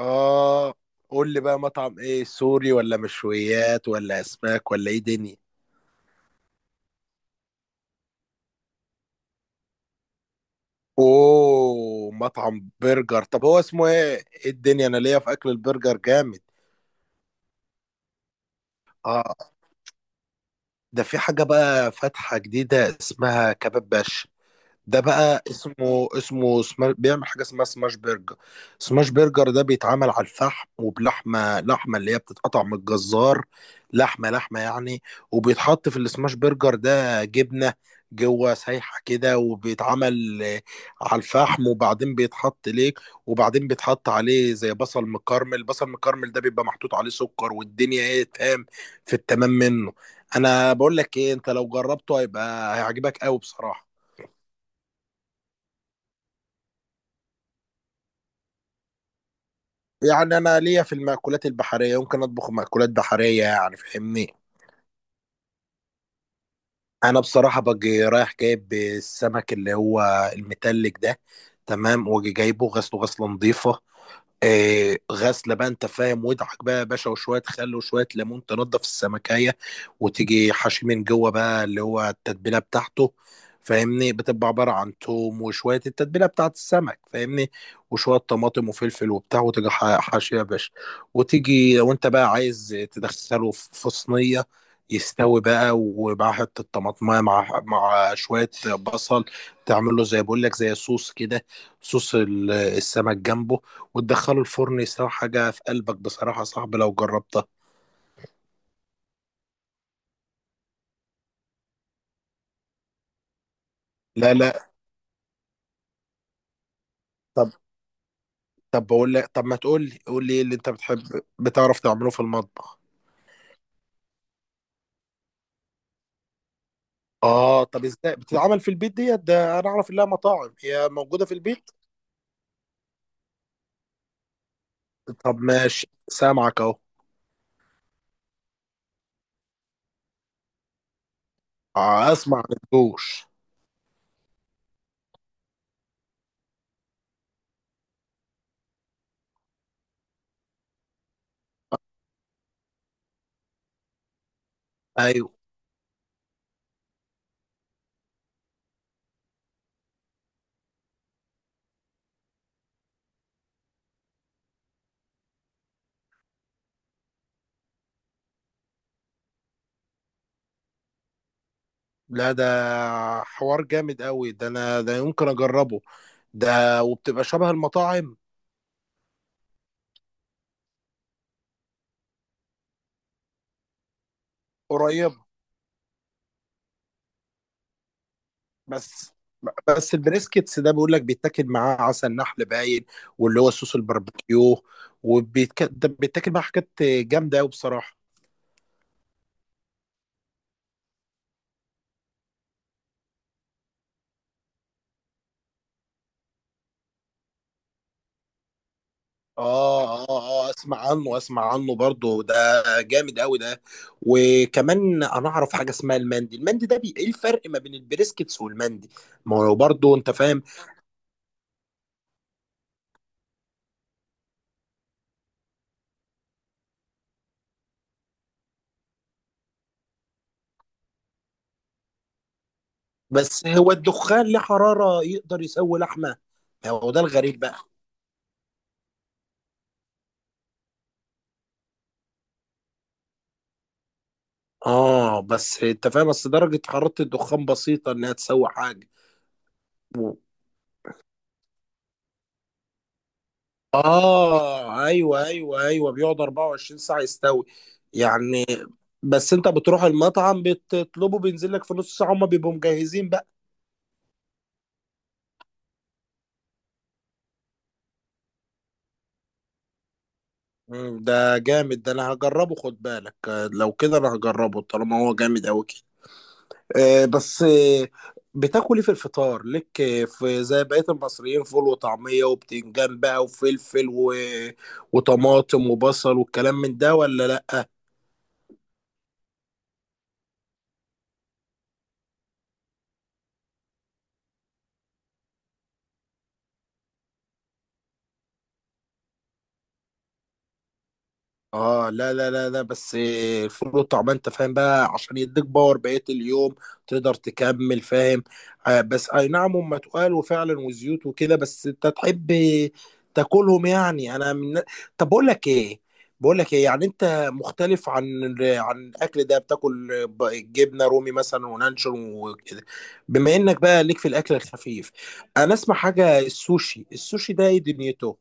اه، قول لي بقى مطعم ايه؟ سوري ولا مشويات ولا اسماك ولا ايه دنيا؟ اوه مطعم برجر. طب هو اسمه ايه؟ ايه الدنيا؟ انا ليا في اكل البرجر جامد. اه، ده في حاجة بقى فاتحة جديدة اسمها كباب باشا. ده بقى اسمه بيعمل حاجه اسمها سماش برجر. سماش برجر ده بيتعمل على الفحم، وبلحمه لحمه اللي هي بتتقطع من الجزار، لحمه لحمه يعني. وبيتحط في السماش برجر ده جبنه جوه سايحه كده، وبيتعمل على الفحم، وبعدين بيتحط ليك، وبعدين بيتحط عليه زي بصل مكرمل. بصل مكرمل ده بيبقى محطوط عليه سكر، والدنيا ايه، تمام في التمام منه. انا بقول لك ايه، انت لو جربته هيبقى هيعجبك قوي بصراحه. يعني انا ليا في المأكولات البحرية، يمكن اطبخ مأكولات بحرية يعني، فاهمني؟ انا بصراحة باجي رايح جايب السمك اللي هو المتلج ده، تمام، واجي جايبه غسله، غسلة نظيفة. غسله بقى انت فاهم، ودعك بقى يا باشا وشويه خل وشويه ليمون تنضف السمكيه. وتيجي حشي من جوه بقى اللي هو التتبيله بتاعته، فاهمني؟ بتبقى عباره عن توم وشويه التتبيله بتاعت السمك، فاهمني؟ وشويه طماطم وفلفل وبتاع، وتيجي حاشيه يا باشا. وتيجي لو انت بقى عايز تدخله في صينيه يستوي بقى، ومع حته طماطمايه، مع شويه بصل، تعمل له زي بقول لك زي صوص كده، صوص السمك جنبه، وتدخله الفرن يستوي حاجة في قلبك بصراحة يا صاحبي لو جربتها. لا لا. طب. طب بقول لك، طب ما تقول لي، قول لي ايه اللي انت بتحب بتعرف تعمله في المطبخ؟ اه، طب ازاي بتتعمل في البيت ديت؟ ده انا اعرف انها مطاعم، هي موجودة في البيت؟ طب ماشي، سامعك اهو. اسمع الجوش. ايوه. لا ده حوار جامد قوي ده، انا ده يمكن اجربه. ده وبتبقى شبه المطاعم؟ قريبة. بس بس البريسكتس ده بيقول لك بيتاكل معاه عسل نحل باين، واللي هو صوص الباربيكيو، وبيتاكل معاه حاجات جامده قوي بصراحه. اه اه اه، اسمع عنه، اسمع عنه برضه ده، جامد قوي ده. وكمان انا اعرف حاجه اسمها المندي. المندي ده ايه الفرق ما بين البريسكتس والمندي؟ ما هو برضه انت فاهم. بس هو الدخان له حراره يقدر يسوي لحمه؟ هو ده الغريب بقى. اه بس انت فاهم، بس درجه حراره الدخان بسيطه انها تسوي حاجه. اه ايوه ايوه ايوه بيقعد 24 ساعه يستوي يعني. بس انت بتروح المطعم بتطلبه بينزل لك في نص ساعه، هما بيبقوا مجهزين بقى. ده جامد ده، انا هجربه. خد بالك، لو كده انا هجربه طالما هو جامد قوي كده. آه، بس آه، بتاكل ايه في الفطار لك؟ في زي بقية المصريين فول وطعمية وبتنجان بقى وفلفل، و... وطماطم وبصل والكلام من ده ولا لا؟ اه، لا لا لا لا، بس الفول والطعمية انت فاهم بقى عشان يديك باور بقية اليوم، تقدر تكمل فاهم. آه بس اي نعم، هم تقال وفعلا وزيوت وكده، بس انت تحب تاكلهم يعني. انا من... طب بقول لك ايه، يعني انت مختلف عن الاكل ده. بتاكل جبنة رومي مثلا ونانشون وكده؟ بما انك بقى ليك في الاكل الخفيف، انا اسمع حاجة السوشي، السوشي ده ايه دنيته؟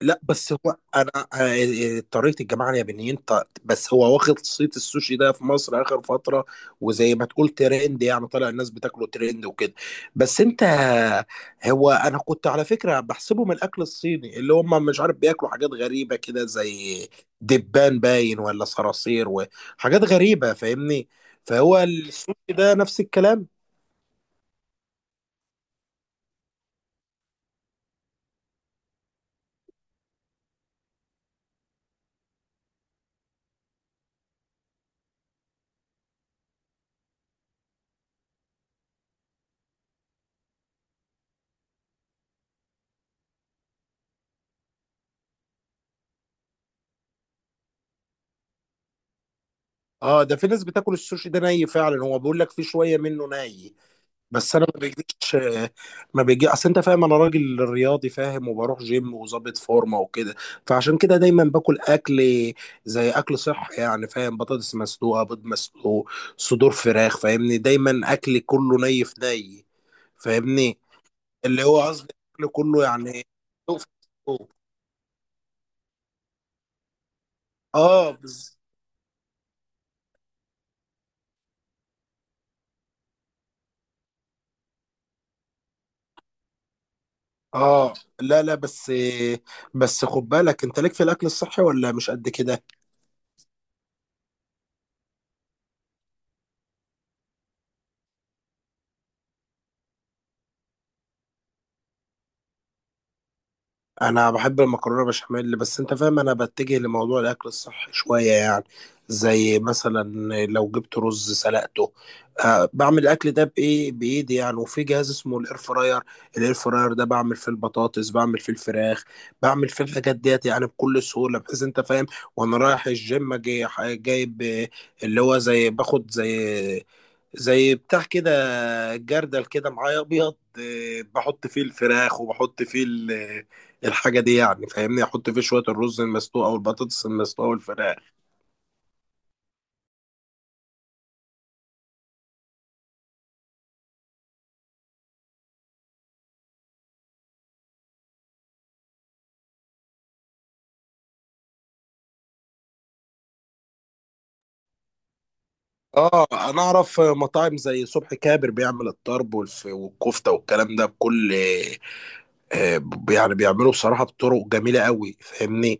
لا بس هو انا طريقه الجماعه اليابانيين، بس هو واخد صيت السوشي ده في مصر اخر فتره، وزي ما تقول ترند يعني، طالع الناس بتاكله ترند وكده. بس انت، هو انا كنت على فكره بحسبه من الاكل الصيني، اللي هم مش عارف بياكلوا حاجات غريبه كده زي دبان باين ولا صراصير وحاجات غريبه، فاهمني؟ فهو السوشي ده نفس الكلام. اه ده في ناس بتاكل السوشي ده ني فعلا، هو بيقول لك في شويه منه ني. بس انا ما بيجيش، ما بيجي اصل انت فاهم، انا راجل رياضي فاهم، وبروح جيم وظابط فورمه وكده. فعشان كده دايما باكل اكل، زي اكل صحي يعني فاهم، بطاطس مسلوقه، بيض مسلوق، صدور فراخ، فاهمني؟ دايما اكل كله ني في ني، فاهمني؟ اللي هو قصدي اكل كله يعني مسلوق في مسلوق. اه اه لا لا بس، بس خد بالك انت ليك في الاكل الصحي ولا مش قد كده؟ انا بحب المكرونه بشاميل، بس انت فاهم انا بتجه لموضوع الاكل الصحي شويه يعني. زي مثلا لو جبت رز سلقته، أه بعمل الاكل ده بايه؟ بايدي يعني، وفي جهاز اسمه الاير فراير. الاير فراير ده بعمل فيه البطاطس، بعمل فيه الفراخ، بعمل فيه الحاجات ديت يعني بكل سهوله، بحيث انت فاهم. وانا رايح الجيم جاي جايب اللي هو زي باخد، زي بتاع كده، جردل كده معايا ابيض، بحط فيه الفراخ وبحط فيه الحاجه دي، يعني فاهمني، احط فيه شويه الرز المسلوق او البطاطس المسلوقه والفراخ. اه انا اعرف مطاعم زي صبحي كابر بيعمل الطرب والكفته والكلام ده بكل آه، يعني بيعملوا بصراحه بطرق جميله قوي، فاهمني؟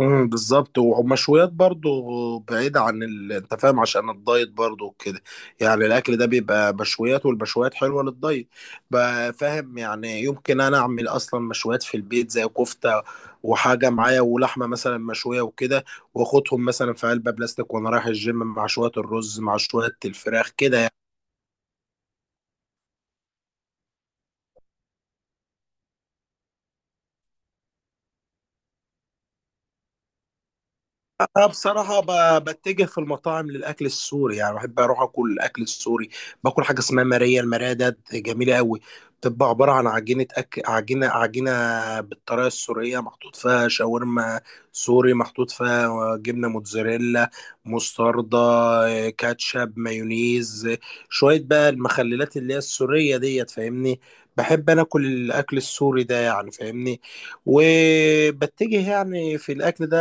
بالظبط، ومشويات برضو بعيدة عن انت فاهم، عشان الدايت برضو وكده. يعني الاكل ده بيبقى مشويات، والمشويات حلوة للدايت بقى فاهم. يعني يمكن انا اعمل اصلا مشويات في البيت زي كفتة وحاجة معايا، ولحمة مثلا مشوية وكده، واخدهم مثلا في علبة بلاستيك، وانا رايح الجيم مع شوية الرز مع شوية الفراخ كده. انا بصراحه بتجه في المطاعم للاكل السوري يعني، بحب اروح اكل الاكل السوري، باكل حاجه اسمها ماريه. الماريه ده جميله قوي، بتبقى عباره عن عجينه عجينه بالطريقه السوريه، محطوط فيها شاورما سوري، محطوط فيها جبنه موتزاريلا، مستردة، كاتشب، مايونيز، شويه بقى المخللات اللي هي السوريه ديت فاهمني. بحب انا اكل الاكل السوري ده يعني فاهمني، وبتجه يعني في الاكل ده،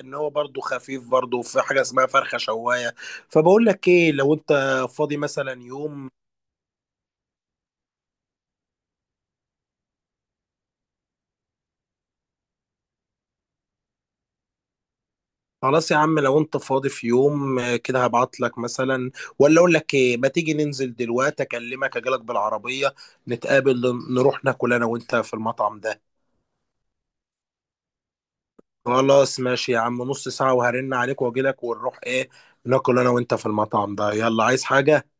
ان هو برضو خفيف، برضو في حاجه اسمها فرخه شوايه. فبقول لك ايه، لو انت فاضي مثلا يوم، خلاص يا عم، لو انت فاضي في يوم كده هبعت لك مثلا، ولا اقول لك ايه؟ ما تيجي ننزل دلوقتي؟ اكلمك اجيلك بالعربيه، نتقابل، نروح ناكل انا وانت في المطعم ده. خلاص ماشي يا عم، نص ساعه وهرن عليك واجيلك، ونروح ايه، ناكل انا وانت في المطعم ده. يلا، عايز حاجه؟